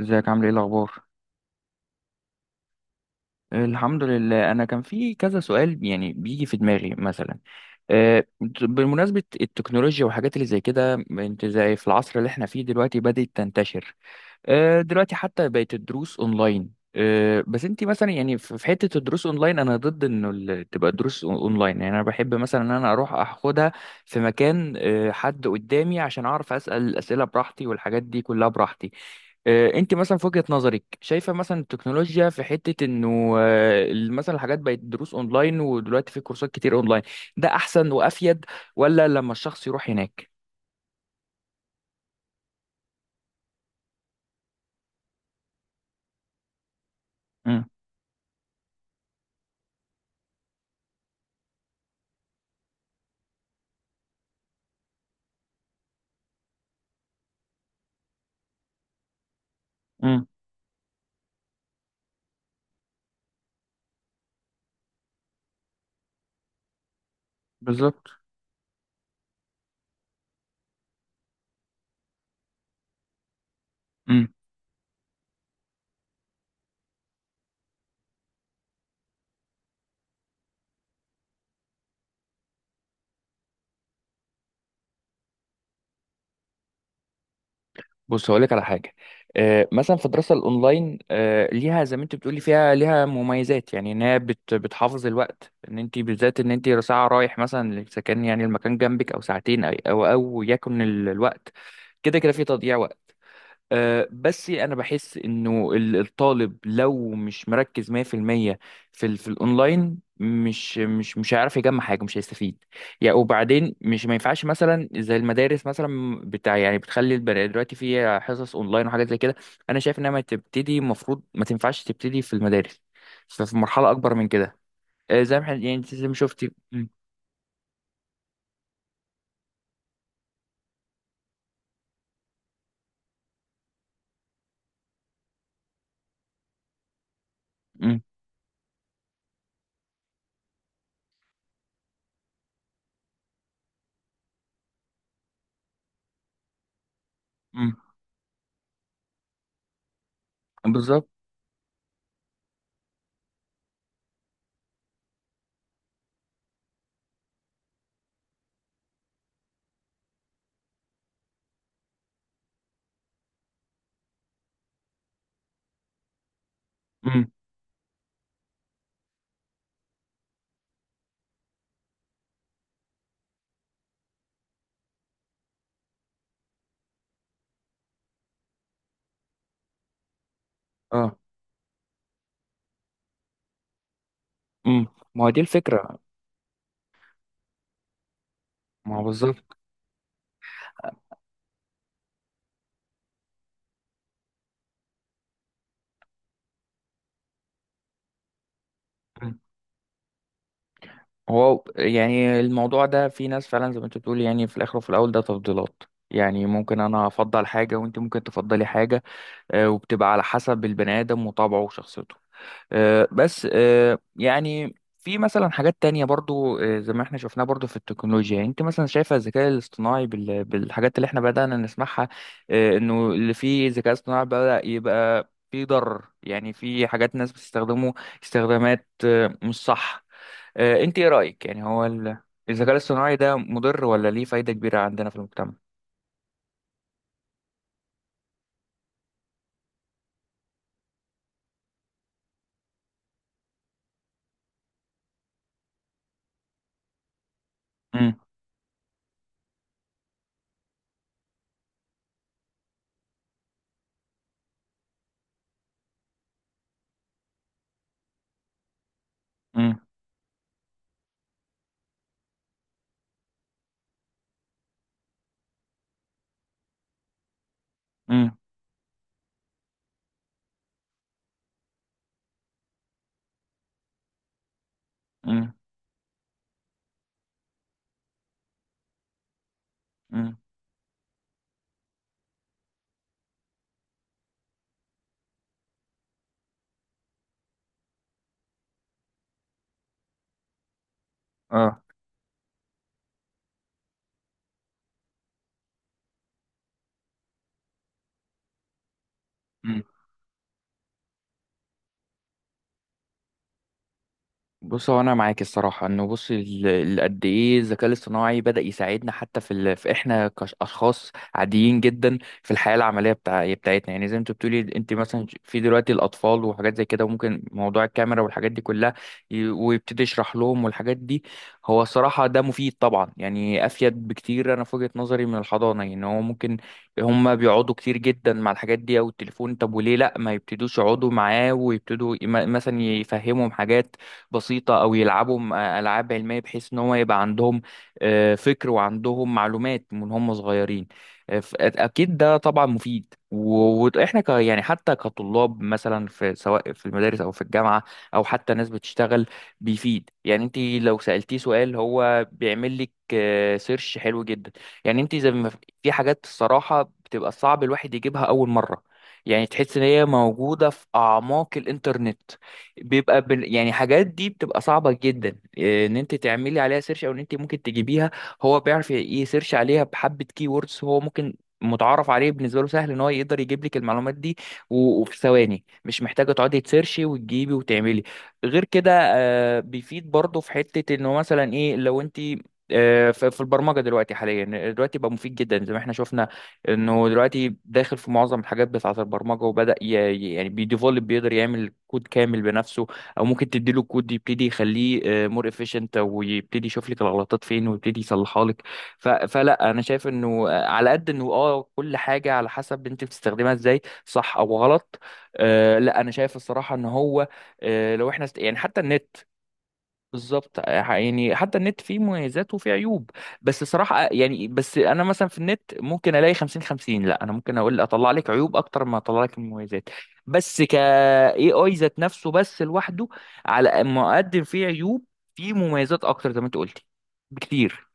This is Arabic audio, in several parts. ازيك؟ عامل ايه؟ الاخبار؟ الحمد لله، انا كان في كذا سؤال يعني بيجي في دماغي. مثلا آه، بمناسبة التكنولوجيا والحاجات اللي زي كده، انت زي في العصر اللي احنا فيه دلوقتي بدأت تنتشر. دلوقتي حتى بقت الدروس اونلاين. بس انت مثلا يعني في حتة الدروس اونلاين، انا ضد انه تبقى الدروس اونلاين. يعني انا بحب مثلا ان انا اروح اخدها في مكان، حد قدامي عشان اعرف اسأل الاسئلة براحتي والحاجات دي كلها براحتي. انت مثلا في وجهة نظرك شايفة مثلا التكنولوجيا في حتة انه مثلا الحاجات بقت دروس اونلاين، ودلوقتي في كورسات كتير اونلاين، ده احسن وافيد ولا لما الشخص يروح هناك؟ امم، امم، بالظبط، امم. بص هقول لك على حاجة. مثلا في الدراسة الأونلاين، ليها زي ما أنت بتقولي فيها ليها مميزات، يعني إن هي بتحافظ الوقت، إن أنت بالذات إن أنت ساعة رايح مثلا، إذا كان يعني المكان جنبك أو ساعتين أو أو يكن الوقت كده كده في تضييع وقت. بس انا بحس انه الطالب لو مش مركز 100% في المية في في الاونلاين، مش هيعرف يجمع حاجه، مش هيستفيد. يعني وبعدين مش ما ينفعش مثلا زي المدارس مثلا بتاع، يعني بتخلي البني دلوقتي في حصص اونلاين وحاجات زي كده، انا شايف انها ما تبتدي، المفروض ما تنفعش تبتدي في المدارس، ففي مرحله اكبر من كده. زي ما احنا يعني أنت زي ما شفتي م- م. بالظبط. م. اه. م. ما هو دي الفكره، ما هو بالظبط. امم. هو يعني الموضوع ده في ناس فعلا زي ما انت بتقول، يعني في الاخر وفي الاول ده تفضيلات. يعني ممكن انا افضل حاجه وانت ممكن تفضلي حاجه. وبتبقى على حسب البني ادم وطبعه وشخصيته. آه، بس آه، يعني في مثلا حاجات تانية برضو، زي ما احنا شفناها برضو في التكنولوجيا. يعني انت مثلا شايفة الذكاء الاصطناعي بالحاجات اللي احنا بدأنا نسمعها، انه اللي فيه ذكاء اصطناعي بدأ يبقى فيه ضرر. يعني في حاجات ناس بتستخدمه استخدامات مش صح. انت ايه رأيك؟ يعني هو الذكاء الاصطناعي ده مضر ولا ليه فايدة كبيرة عندنا في المجتمع؟ امم، امم، امم، امم، اه. بص هو انا معاك الصراحه انه، بص قد ايه الذكاء الاصطناعي بدا يساعدنا حتى في، في احنا كاشخاص عاديين جدا في الحياه العمليه بتاعتنا. يعني زي ما انت بتقولي انت مثلا في دلوقتي الاطفال وحاجات زي كده، وممكن موضوع الكاميرا والحاجات دي كلها، ويبتدي يشرح لهم والحاجات دي. هو الصراحه ده مفيد طبعا، يعني افيد بكتير. انا في وجهه نظري من الحضانه، يعني هو ممكن هم بيقعدوا كتير جدا مع الحاجات دي او التليفون، طب وليه لا ما يبتدوش يقعدوا معاه ويبتدوا مثلا يفهمهم حاجات بسيطة، أو يلعبوا ألعاب علمية، بحيث إن هو يبقى عندهم فكر وعندهم معلومات من هم صغيرين. أكيد ده طبعا مفيد، وإحنا ك يعني حتى كطلاب مثلا في، سواء في المدارس أو في الجامعة أو حتى ناس بتشتغل، بيفيد. يعني أنت لو سألتيه سؤال هو بيعمل لك سيرش حلو جدا. يعني أنت زي ما، في حاجات الصراحة بتبقى صعب الواحد يجيبها أول مرة، يعني تحس ان هي موجودة في اعماق الانترنت. يعني حاجات دي بتبقى صعبة جدا. إيه، ان انت تعملي عليها سيرش او ان انت ممكن تجيبيها، هو بيعرف يسيرش عليها بحبة كي ووردز هو ممكن متعارف عليه، بالنسبة له سهل ان هو يقدر يجيب لك المعلومات دي وفي ثواني، مش محتاجة تقعدي تسيرشي وتجيبي وتعملي. غير كده بيفيد برضه في حتة انه مثلا ايه لو انت، في البرمجة دلوقتي، حاليا دلوقتي بقى مفيد جدا زي ما احنا شفنا، انه دلوقتي داخل في معظم الحاجات بتاعه البرمجه، وبدا يعني بيديفولب، بيقدر يعمل كود كامل بنفسه، او ممكن تديله الكود يبتدي يخليه مور افيشنت، ويبتدي يشوف لك الغلطات فين ويبتدي يصلحها لك. فلا انا شايف انه على قد انه اه كل حاجه على حسب انت بتستخدمها ازاي، صح او غلط. آه لا انا شايف الصراحه ان هو، لو احنا يعني حتى النت، بالظبط يعني حتى النت فيه مميزات وفيه عيوب. بس صراحة يعني بس انا مثلا في النت ممكن الاقي 50-50، لا انا ممكن اقول اطلع لك عيوب اكتر ما اطلع لك المميزات. بس ك اي اي ذات نفسه بس لوحده، على ما اقدم فيه عيوب فيه مميزات اكتر زي ما انت قلتي بكتير.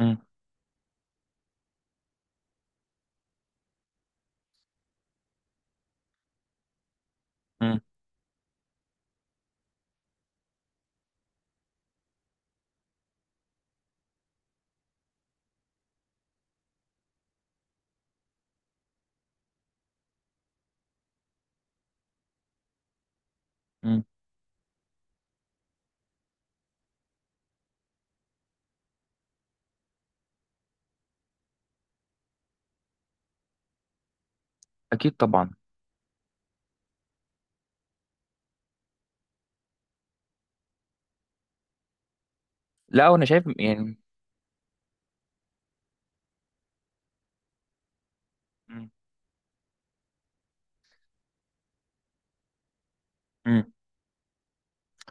مم. مم. مم. اكيد طبعا. لا وانا شايف يعني. مم. مم.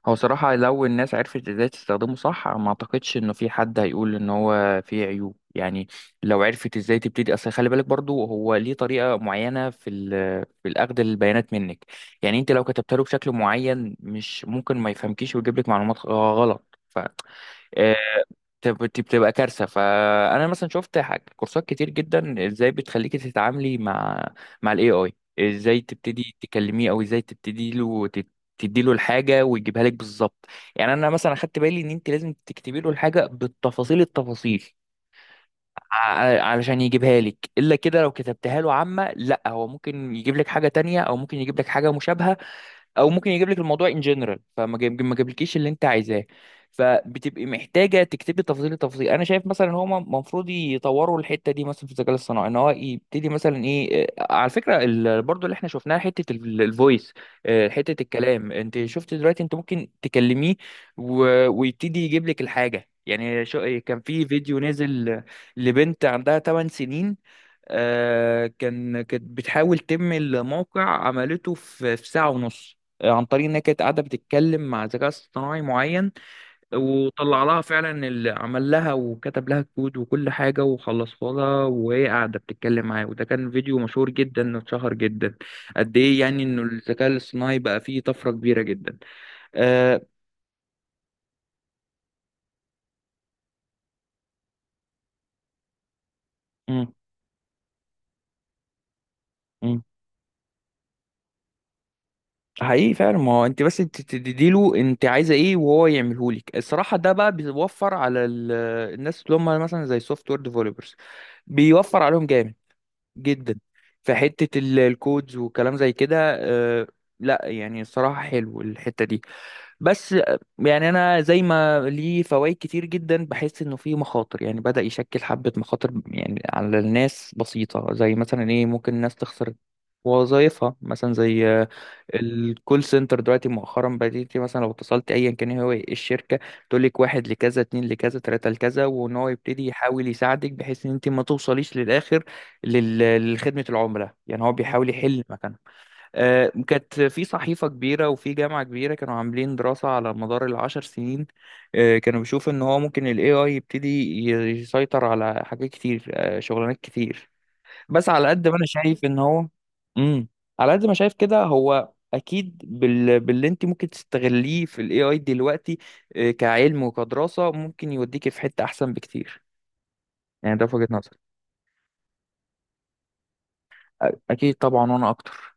هو صراحة لو الناس عرفت ازاي تستخدمه صح، ما اعتقدش انه في حد هيقول ان هو فيه عيوب. يعني لو عرفت ازاي تبتدي، اصل خلي بالك برضو هو ليه طريقة معينة في في الاخذ البيانات منك. يعني انت لو كتبت له بشكل معين، مش ممكن ما يفهمكيش ويجيب لك معلومات غلط. ف آه، بتبقى كارثه. فانا مثلا شفت كورسات كتير جدا، ازاي بتخليكي تتعاملي مع الاي اي، ازاي تبتدي تكلميه او ازاي تبتدي له تدي له الحاجه ويجيبها لك بالظبط. يعني انا مثلا اخدت بالي ان انت لازم تكتبي له الحاجه بالتفاصيل التفاصيل علشان يجيبها لك، الا كده لو كتبتها له عامه، لا هو ممكن يجيب لك حاجه تانية، او ممكن يجيب لك حاجه مشابهه، او ممكن يجيب لك الموضوع ان جنرال فما جايب، ما جابلكيش اللي انت عايزاه. فبتبقي محتاجه تكتبي تفاصيل التفاصيل. انا شايف مثلا ان هما المفروض يطوروا الحته دي مثلا في الذكاء الاصطناعي، ان هو يبتدي مثلا ايه، على فكره برضو اللي احنا شفناها حته الفويس، حته الكلام. انت شفت دلوقتي انت ممكن تكلميه ويبتدي يجيب لك الحاجه. يعني شو إيه، كان في فيديو نزل لبنت عندها 8 سنين، كانت بتحاول تم الموقع، عملته في ساعة ونص، عن طريق ان هي كانت قاعده بتتكلم مع ذكاء اصطناعي معين، وطلع لها فعلا اللي عمل لها وكتب لها كود وكل حاجه وخلصها لها، وهي قاعده بتتكلم معاه. وده كان فيديو مشهور جدا واتشهر جدا قد ايه، يعني انه الذكاء الاصطناعي بقى فيه طفره كبيره جدا. آه. مم. مم. حقيقي فعلا، ما هو انت بس انت تديله انت عايزه ايه وهو يعمله لك. الصراحه ده بقى بيوفر على الناس اللي هم مثلا زي سوفت وير ديفلوبرز، بيوفر عليهم جامد جدا في حتة الكودز والكلام زي كده. آه، لا يعني الصراحة حلو الحتة دي. بس يعني انا زي ما ليه فوائد كتير جدا، بحس انه فيه مخاطر، يعني بدأ يشكل حبة مخاطر يعني على الناس بسيطة، زي مثلا ايه ممكن الناس تخسر وظائفها مثلا. زي الكول سنتر دلوقتي مؤخرا، بديتي مثلا لو اتصلت ايا كان إيه هو الشركة، تقول لك واحد لكذا اتنين لكذا تلاتة لكذا، وان هو يبتدي يحاول يساعدك بحيث ان انت ما توصليش للاخر لخدمة العملاء. يعني هو بيحاول يحل مكانها. كانت في صحيفة كبيرة وفي جامعة كبيرة كانوا عاملين دراسة على مدار 10 سنين، كانوا بيشوفوا إن هو ممكن ال AI يبتدي يسيطر على حاجات كتير، شغلانات كتير. بس على قد ما أنا شايف إن هو، مم. على قد ما شايف كده هو أكيد باللي أنت ممكن تستغليه في ال AI دلوقتي، كعلم وكدراسة ممكن يوديكي في حتة أحسن بكتير. يعني ده في وجهة نظري. أكيد طبعا وأنا أكتر.